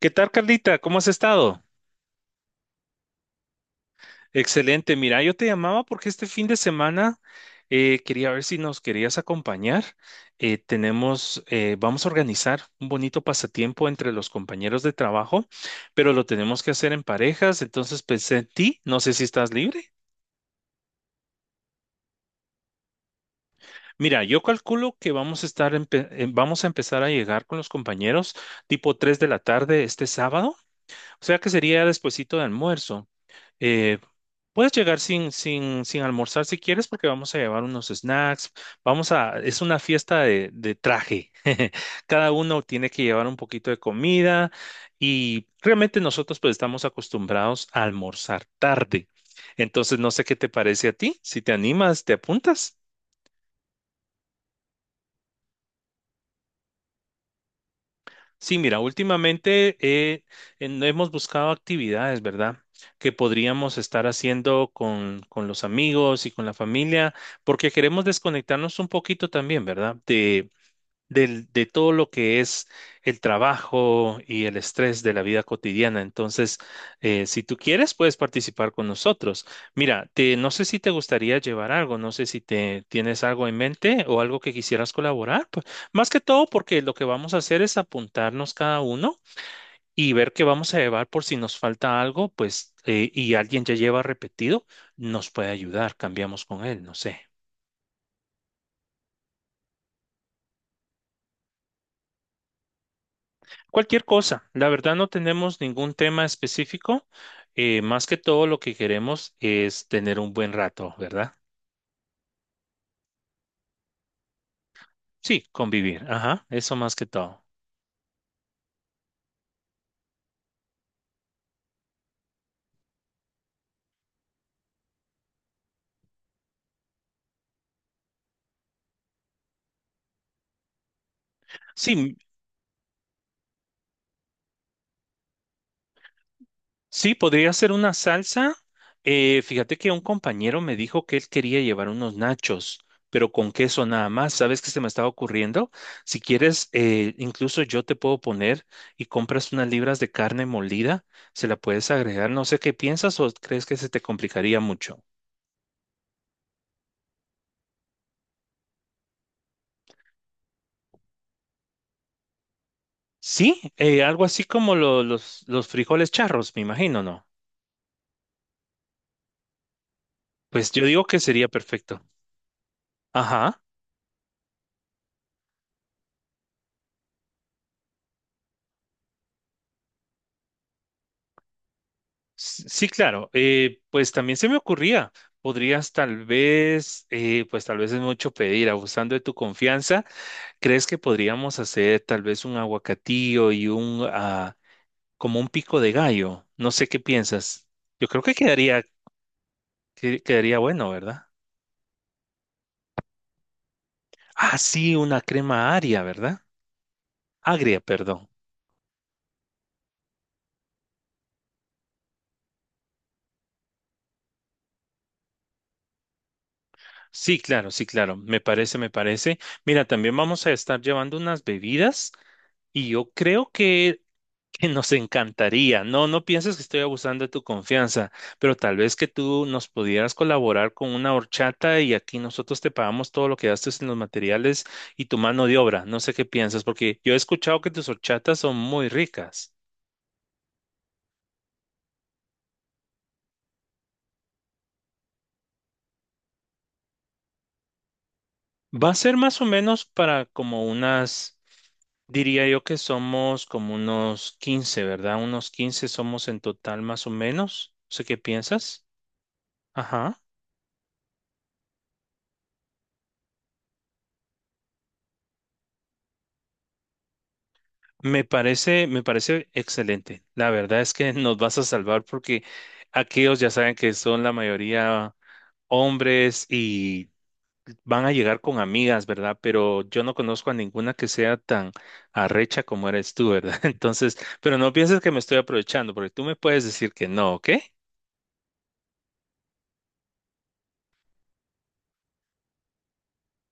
¿Qué tal, Carlita? ¿Cómo has estado? Excelente. Mira, yo te llamaba porque este fin de semana quería ver si nos querías acompañar. Tenemos, vamos a organizar un bonito pasatiempo entre los compañeros de trabajo, pero lo tenemos que hacer en parejas. Entonces pensé en ti. No sé si estás libre. Mira, yo calculo que vamos a estar, vamos a empezar a llegar con los compañeros tipo 3 de la tarde este sábado. O sea que sería despuesito de almuerzo. Eh, puedes llegar sin almorzar si quieres, porque vamos a llevar unos snacks. Es una fiesta de traje. Cada uno tiene que llevar un poquito de comida y realmente nosotros pues estamos acostumbrados a almorzar tarde. Entonces, no sé qué te parece a ti. Si te animas, te apuntas. Sí, mira, últimamente hemos buscado actividades, ¿verdad? Que podríamos estar haciendo con los amigos y con la familia, porque queremos desconectarnos un poquito también, ¿verdad? De todo lo que es el trabajo y el estrés de la vida cotidiana. Entonces, si tú quieres, puedes participar con nosotros. Mira, no sé si te gustaría llevar algo, no sé si te tienes algo en mente o algo que quisieras colaborar. Pues, más que todo, porque lo que vamos a hacer es apuntarnos cada uno y ver qué vamos a llevar por si nos falta algo, pues, y alguien ya lleva repetido, nos puede ayudar, cambiamos con él, no sé. Cualquier cosa, la verdad no tenemos ningún tema específico, más que todo lo que queremos es tener un buen rato, ¿verdad? Sí, convivir, ajá, eso más que todo. Sí, sí, podría ser una salsa. Fíjate que un compañero me dijo que él quería llevar unos nachos, pero con queso nada más. ¿Sabes qué se me estaba ocurriendo? Si quieres, incluso yo te puedo poner y compras unas libras de carne molida, se la puedes agregar. No sé qué piensas o crees que se te complicaría mucho. Sí, algo así como los frijoles charros, me imagino, ¿no? Pues yo digo que sería perfecto. Ajá. Sí, claro. Pues también se me ocurría, podrías tal vez, pues tal vez es mucho pedir, abusando de tu confianza, ¿crees que podríamos hacer tal vez un aguacatillo y un, ah, como un pico de gallo? No sé qué piensas. Yo creo que quedaría, quedaría bueno, ¿verdad? Ah, sí, una crema agria, ¿verdad? Agria, perdón. Sí, claro, sí, claro. Me parece, me parece. Mira, también vamos a estar llevando unas bebidas y yo creo que nos encantaría. No, no pienses que estoy abusando de tu confianza, pero tal vez que tú nos pudieras colaborar con una horchata y aquí nosotros te pagamos todo lo que gastes en los materiales y tu mano de obra. No sé qué piensas, porque yo he escuchado que tus horchatas son muy ricas. Va a ser más o menos para como unas, diría yo que somos como unos 15, ¿verdad? Unos 15 somos en total más o menos. No sé qué piensas. Ajá. Me parece excelente. La verdad es que nos vas a salvar porque aquellos ya saben que son la mayoría hombres y van a llegar con amigas, ¿verdad? Pero yo no conozco a ninguna que sea tan arrecha como eres tú, ¿verdad? Entonces, pero no pienses que me estoy aprovechando, porque tú me puedes decir que no, ¿ok?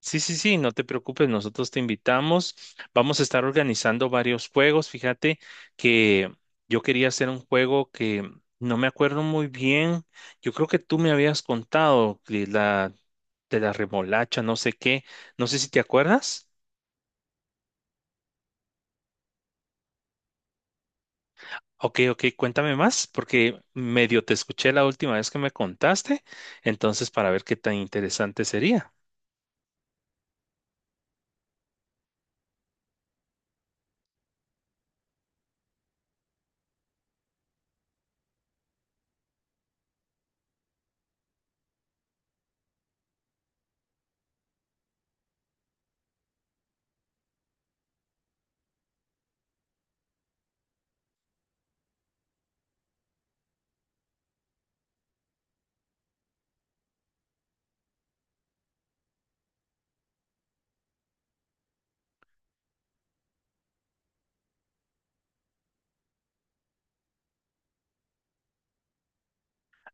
Sí, sí, sí, no te preocupes, nosotros te invitamos. Vamos a estar organizando varios juegos. Fíjate que yo quería hacer un juego que no me acuerdo muy bien. Yo creo que tú me habías contado de de la remolacha, no sé qué. No sé si te acuerdas. Ok, ok, cuéntame más, porque medio te escuché la última vez que me contaste, entonces para ver qué tan interesante sería.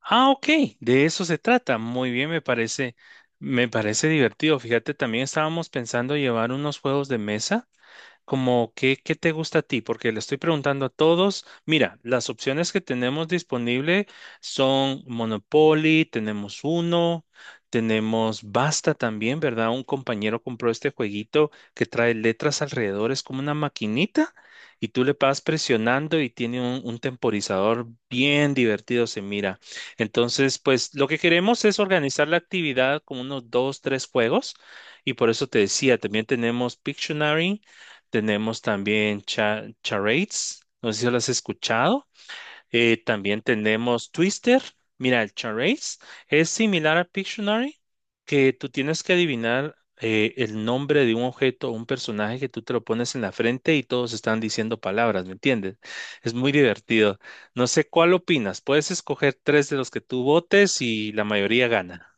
Ah, ok, de eso se trata. Muy bien, me parece divertido. Fíjate, también estábamos pensando llevar unos juegos de mesa. Como qué, qué te gusta a ti, porque le estoy preguntando a todos, mira, las opciones que tenemos disponible son Monopoly, tenemos uno, tenemos Basta también, ¿verdad? Un compañero compró este jueguito que trae letras alrededor, es como una maquinita y tú le vas presionando y tiene un temporizador bien divertido, se mira. Entonces, pues lo que queremos es organizar la actividad con unos dos, tres juegos y por eso te decía, también tenemos Pictionary tenemos también charades, no sé si lo has escuchado. También tenemos Twister. Mira, el charades es similar a Pictionary, que tú tienes que adivinar el nombre de un objeto o un personaje que tú te lo pones en la frente y todos están diciendo palabras, ¿me entiendes? Es muy divertido. No sé cuál opinas. Puedes escoger tres de los que tú votes y la mayoría gana.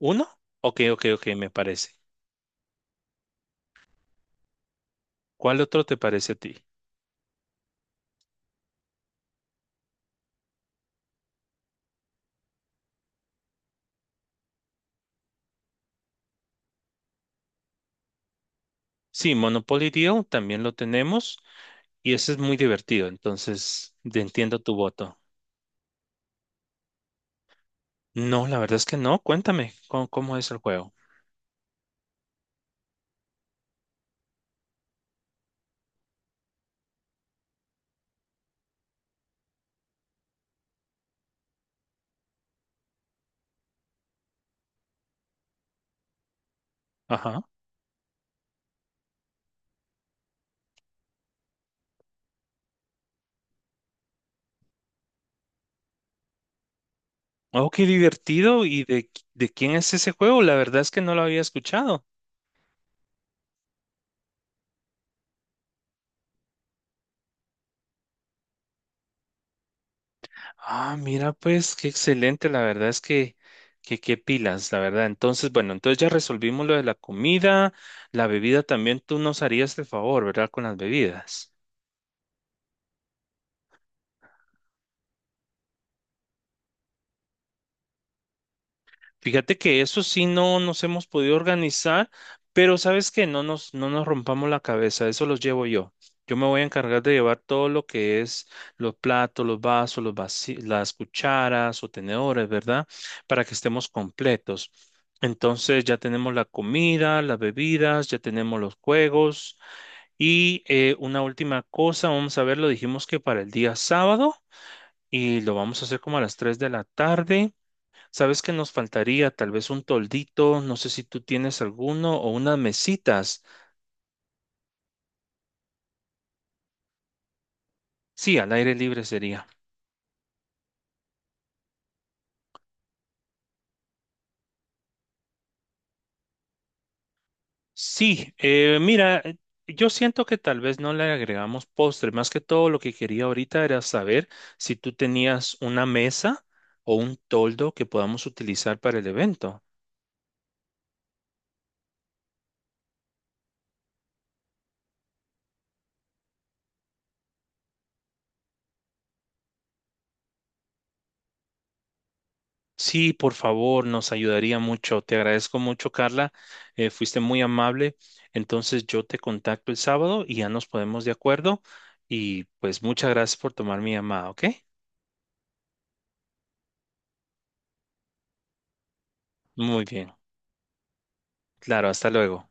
¿Uno? Ok, ok, ok, me parece. ¿Cuál otro te parece a ti? Sí, Monopoly Deal también lo tenemos. Y eso es muy divertido, entonces entiendo tu voto. No, la verdad es que no. Cuéntame cómo, cómo es el juego. Ajá. Oh, qué divertido. ¿Y de, de quién es ese juego? La verdad es que no lo había escuchado. Ah, mira, pues qué excelente. La verdad es que qué pilas, la verdad. Entonces, bueno, entonces ya resolvimos lo de la comida, la bebida también. Tú nos harías el favor, ¿verdad? Con las bebidas. Fíjate que eso sí no nos hemos podido organizar, pero sabes que no no nos rompamos la cabeza, eso los llevo yo. Yo me voy a encargar de llevar todo lo que es los platos, los vasos, las cucharas o tenedores, ¿verdad? Para que estemos completos. Entonces ya tenemos la comida, las bebidas, ya tenemos los juegos y una última cosa, vamos a ver, lo dijimos que para el día sábado y lo vamos a hacer como a las 3 de la tarde. Sabes que nos faltaría tal vez un toldito, no sé si tú tienes alguno o unas mesitas. Sí, al aire libre sería. Sí, mira, yo siento que tal vez no le agregamos postre. Más que todo lo que quería ahorita era saber si tú tenías una mesa o un toldo que podamos utilizar para el evento. Sí, por favor, nos ayudaría mucho. Te agradezco mucho, Carla. Fuiste muy amable. Entonces yo te contacto el sábado y ya nos ponemos de acuerdo. Y pues muchas gracias por tomar mi llamada, ¿ok? Muy bien. Claro, hasta luego.